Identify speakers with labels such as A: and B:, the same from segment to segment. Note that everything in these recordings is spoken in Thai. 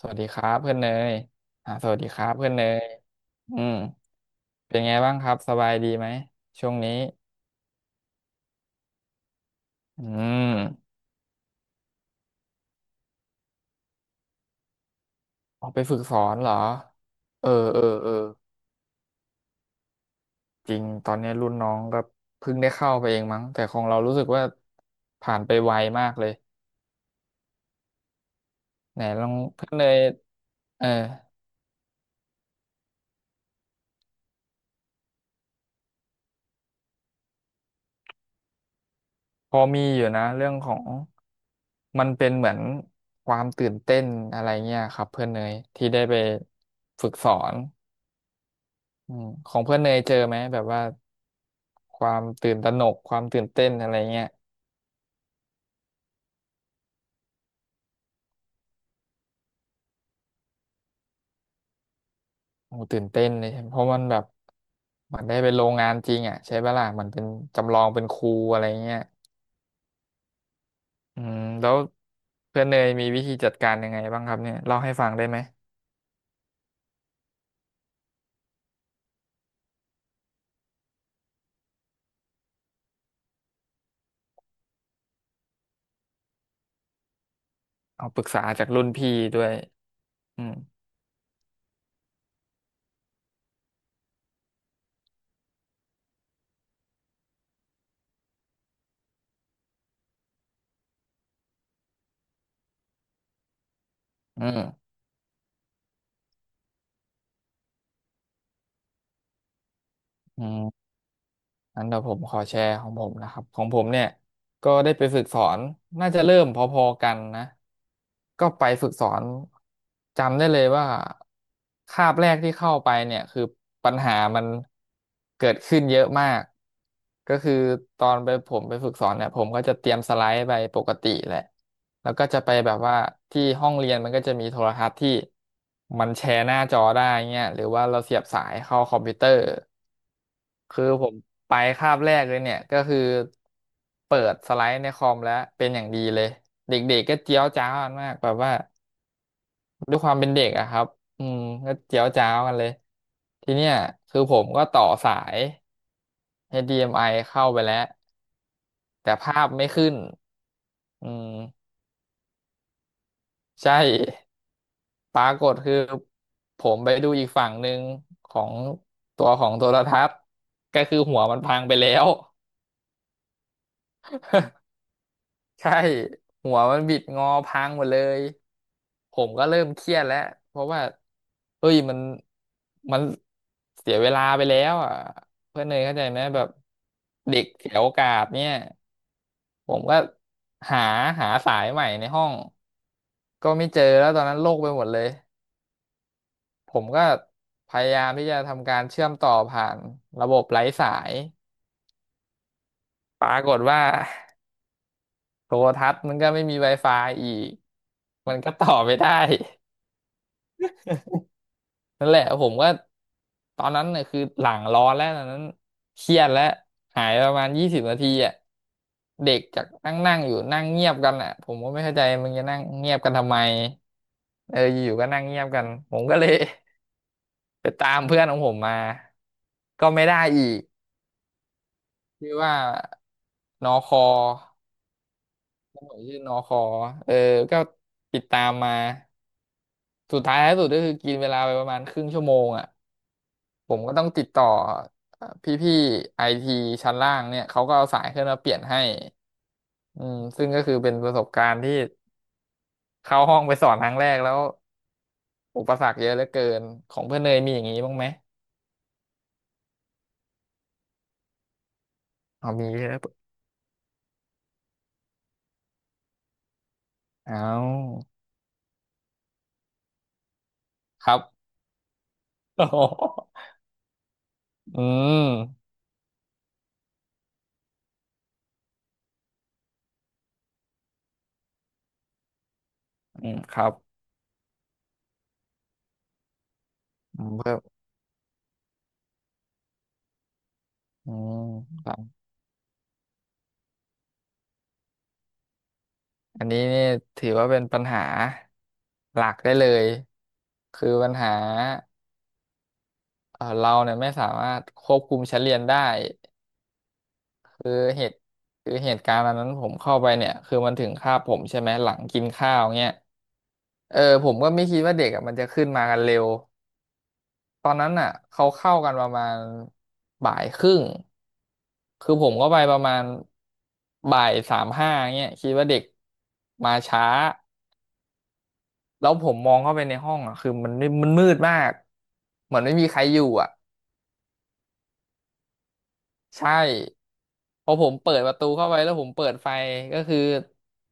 A: สวัสดีครับเพื่อนเนยสวัสดีครับเพื่อนเนยอืมเป็นไงบ้างครับสบายดีไหมช่วงนี้อืมออกไปฝึกสอนเหรอเออเออเออจริงตอนนี้รุ่นน้องก็เพิ่งได้เข้าไปเองมั้งแต่ของเรารู้สึกว่าผ่านไปไวมากเลยไหนลองเพื่อนเนยเออพอมีอยู่นะเรื่องของมันเป็นเหมือนความตื่นเต้นอะไรเงี้ยครับเพื่อนเนยที่ได้ไปฝึกสอน ของเพื่อนเนยเจอไหมแบบว่าความตื่นตระหนกความตื่นเต้นอะไรเงี้ยโอ้ตื่นเต้นเลยใช่ไหมเพราะมันแบบเหมือนได้ไปโรงงานจริงอ่ะใช่ปะล่ะเหมือนเป็นจำลองเป็นครูอะไรเงี้ยแล้วเพื่อนเนยมีวิธีจัดการยังไงบ้างครับเนี่ยเล่าให้ฟังได้ไหมเอาปรึกษาจากรุ่นพี่ด้วยอืมอืมอืม งั้นเดี๋ยวผมขอแชร์ของผมนะครับของผมเนี่ยก็ได้ไปฝึกสอนน่าจะเริ่มพอๆกันนะก็ไปฝึกสอนจำได้เลยว่าคาบแรกที่เข้าไปเนี่ยคือปัญหามันเกิดขึ้นเยอะมากก็คือตอนไปผมไปฝึกสอนเนี่ยผมก็จะเตรียมสไลด์ไปปกติแหละแล้วก็จะไปแบบว่าที่ห้องเรียนมันก็จะมีโทรทัศน์ที่มันแชร์หน้าจอได้เงี้ยหรือว่าเราเสียบสายเข้าคอมพิวเตอร์ คือผมไปคาบแรกเลยเนี่ยก็คือเปิดสไลด์ในคอมแล้วเป็นอย่างดีเลยเด็กๆก็เจียวจ้าวกันมากแบบว่าด้วยความเป็นเด็กอะครับอืมก็เจียวจ้าวกันเลยทีเนี้ยคือผมก็ต่อสาย้ d m i เอ็มไอเข้าไปแล้วแต่ภาพไม่ขึ้นอืมใช่ ปรากฏคือผมไปดูอีกฝั่งหนึ่งของตัวของโทรทัศน์ก็คือหัวมันพังไปแล้ว ใช่หัวมันบิดงอพังหมดเลยผมก็เริ่มเครียดแล้วเพราะว่าเฮ้ยมันเสียเวลาไปแล้วอ่ะเพื่อนเนยเข้าใจไหมแบบเด็กเสียโอกาสเนี่ยผมก็หาหาสายใหม่ในห้องก็ไม่เจอแล้วตอนนั้นโล่งไปหมดเลยผมก็พยายามที่จะทำการเชื่อมต่อผ่านระบบไร้สายปรากฏว่าโทรทัศน์มันก็ไม่มี Wi-Fi อีกมันก็ต่อไม่ได้ นั่นแหละผมก็ตอนนั้นเนี่ยคือหลังร้อนแล้วตอนนั้นเครียดแล้วหายประมาณ20 นาทีอ่ะเด็กจากนั่งนั่งอยู่นั่งเงียบกันอ่ะผมก็ไม่เข้าใจมึงจะนั่งเงียบกันทำไมเอออยู่ๆก็นั่งเงียบกันผมก็เลย ไปตามเพื่อนของผมมาก็ไม่ได้อีกชื่อว่านอคอผมชื่อนอคอเออก็ติดตามมาสุดท้ายท้ายสุดก็คือกินเวลาไปประมาณครึ่งชั่วโมงอ่ะ ผมก็ต้องติดต่อพี่ๆไอทีชั้นล่างเนี่ยเขาก็เอาสายขึ้นมาเปลี่ยนให้อืมซึ่งก็คือเป็นประสบการณ์ที่เข้าห้องไปสอนครั้งแรกแล้วอุปสรรคเยอะเหลือเกินของเพื่อนเนยมีอย่างนี้บ้างไหมเอามีเยอะเอาครับ โอ้โหอืมอืมครับอืมเพิ่มอืมครับอันนี้นี่ถือว่าเป็นปัญหาหลักได้เลยคือปัญหาเราเนี่ยไม่สามารถควบคุมชั้นเรียนได้ คือเหตุคือเหตุการณ์อันนั้นผมเข้าไปเนี่ยคือมันถึงคาบผมใช่ไหมหลังกินข้าวเงี้ยเออผมก็ไม่คิดว่าเด็กอะมันจะขึ้นมากันเร็วตอนนั้นอ่ะเขาเข้ากันประมาณบ่ายครึ่งคือผมก็ไปประมาณบ่ายสามห้าเงี้ยคิดว่าเด็กมาช้าแล้วผมมองเข้าไปในห้องอ่ะคือมันไม่มันมืดมากเหมือนไม่มีใครอยู่อ่ะใช่ พอผมเปิดประตูเข้าไปแล้วผมเปิดไฟก็คือ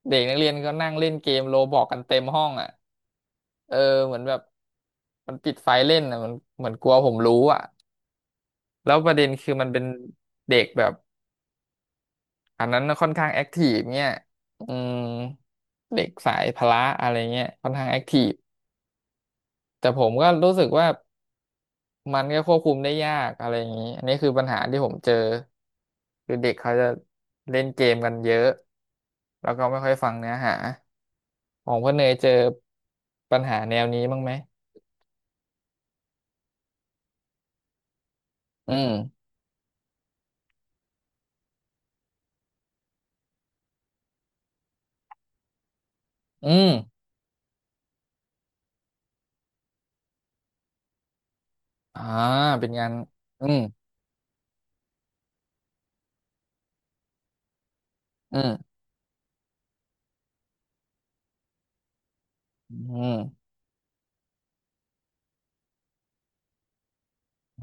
A: เด็กนักเรียนก็นั่งเล่นเกมโรบอกกันเต็มห้องอ่ะเออเหมือนแบบมันปิดไฟเล่นอ่ะมันเหมือนกลัวผมรู้อ่ะแล้วประเด็นคือมันเป็นเด็กแบบอันนั้นค่อนข้างแอคทีฟเนี่ยอืมเด็กสายพละอะไรเงี้ยค่อนข้างแอคทีฟแต่ผมก็รู้สึกว่า มันก็ควบคุมได้ยากอะไรอย่างนี้ อันนี้คือปัญหาที่ผมเจอคือเด็กเขาจะเล่นเกมกันเยอะแล้วก็ไม่ค่อยฟังเนื้อหาของพ่อเนยเจอปัญหาแนวนี้บ้างไหมอืมอืมอ่าเป็นงานอืมอืมอืม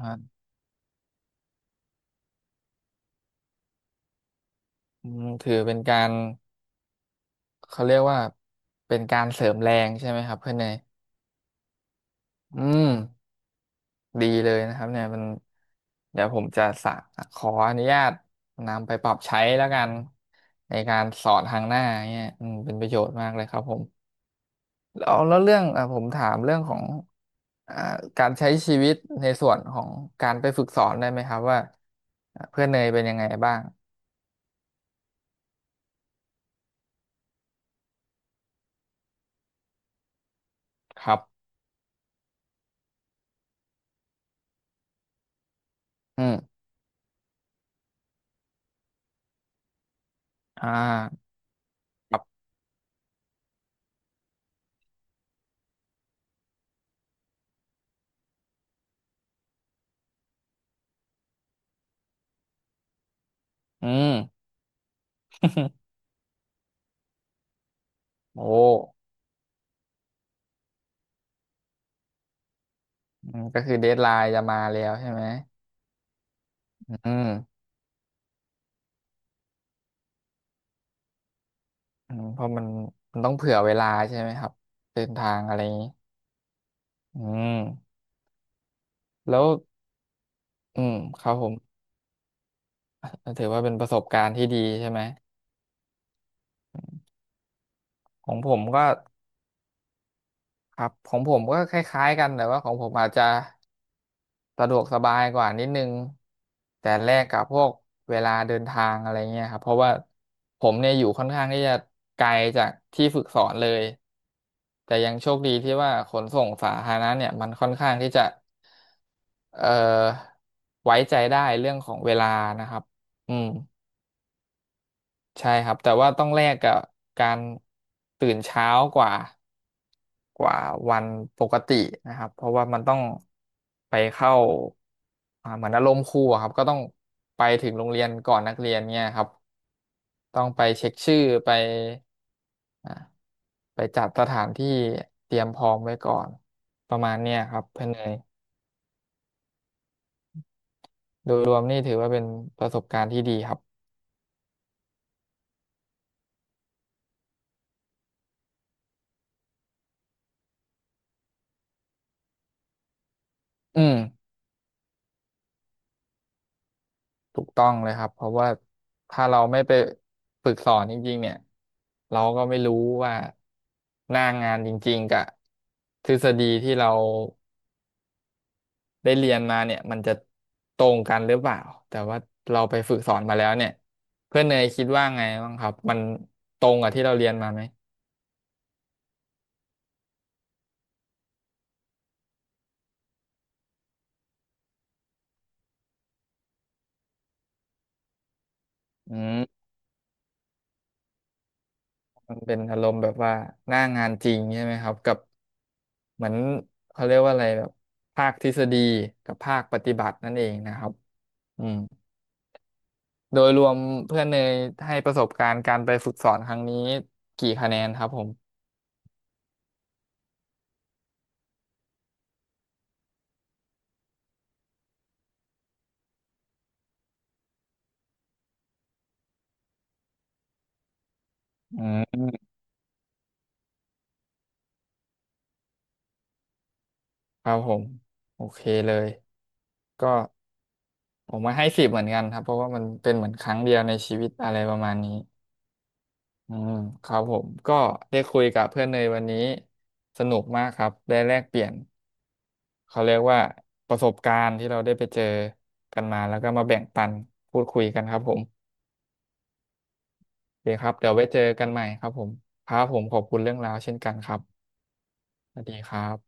A: อ่าอืมถือเป็นการเขาเรียกว่าเป็นการเสริมแรงใช่ไหมครับเพื่อนเนยอืม ดีเลยนะครับเนี่ยมันเดี๋ยวผมจะสะขออนุญาตนำไปปรับใช้แล้วกันในการสอนทางหน้าเนี่ยเป็นประโยชน์มากเลยครับผมแล้วเรื่องอ่ะผมถามเรื่องของอ่าการใช้ชีวิตในส่วนของการไปฝึกสอนได้ไหมครับว่าอ่ะเพื่อนเนยเป็นยังไงบ้างครับอืมอ่าครับอืม โอ้อืมก็คือเดดไลน์จะมาแล้วใช่ไหมอืม เพราะมันต้องเผื่อเวลาใช่ไหมครับเดินทางอะไรอย่างนี้อืมแล้วอืมครับผมถือว่าเป็นประสบการณ์ที่ดีใช่ไหมของผมก็ครับของผมก็คล้ายๆกันแต่ว่าของผมอาจจะ สะดวกสบายกว่านิดนึงแต่แลกกับพวกเวลาเดินทางอะไรเงี้ยครับเพราะว่าผมเนี่ยอยู่ค่อนข้างที่จะไกลจากที่ฝึกสอนเลยแต่ยังโชคดีที่ว่าขนส่งสาธารณะเนี่ยมันค่อนข้างที่จะเอ่อไว้ใจได้เรื่องของเวลานะครับอืม ใช่ครับแต่ว่าต้องแลกกับการตื่นเช้ากว่ากว่าวันปกตินะครับเพราะว่ามันต้องไปเข้าเหมือนอารมณ์ครูอะครับก็ต้องไปถึงโรงเรียนก่อนนักเรียนเนี่ยครับต้องไปเช็คชื่อไปอ่าไปจัดสถานที่เตรียมพร้อมไว้ก่อนประมาณเนี้ยครับเพื่อนเนยโดยรวมนี่ถือว่าเป็นประสบการณ์ที่ดีครับอืม ถูกต้องเลยครับเพราะว่าถ้าเราไม่ไปฝึกสอนจริงๆเนี่ยเราก็ไม่รู้ว่าหน้างานจริงๆกับทฤษฎีที่เราได้เรียนมาเนี่ยมันจะตรงกันหรือเปล่าแต่ว่าเราไปฝึกสอนมาแล้วเนี่ยเพื่อนเนยคิดว่าไงบ้างครับมันตรงกับที่เราเรียนมาไหมอืมมันเป็นอารมณ์แบบว่าหน้างานจริงใช่ไหมครับกับเหมือนเขาเรียกว่าอะไรแบบภาคทฤษฎีกับภาคปฏิบัตินั่นเองนะครับอืม โดยรวมเพื่อนเนยให้ประสบการณ์การไปฝึกสอนครั้งนี้กี่คะแนนครับผมอืมครับผมโอเคเลยก็ผมมาให้10เหมือนกันครับเพราะว่ามันเป็นเหมือนครั้งเดียวในชีวิตอะไรประมาณนี้อืมครับผมก็ได้คุยกับเพื่อนเนยวันนี้สนุกมากครับได้แลกเปลี่ยนเขาเรียกว่าประสบการณ์ที่เราได้ไปเจอกันมาแล้วก็มาแบ่งปันพูดคุยกันครับผมโอเคครับเดี๋ยวไว้เจอกันใหม่ครับผมครับผมขอบคุณเรื่องราวเช่นกันครับสวัสดีครับ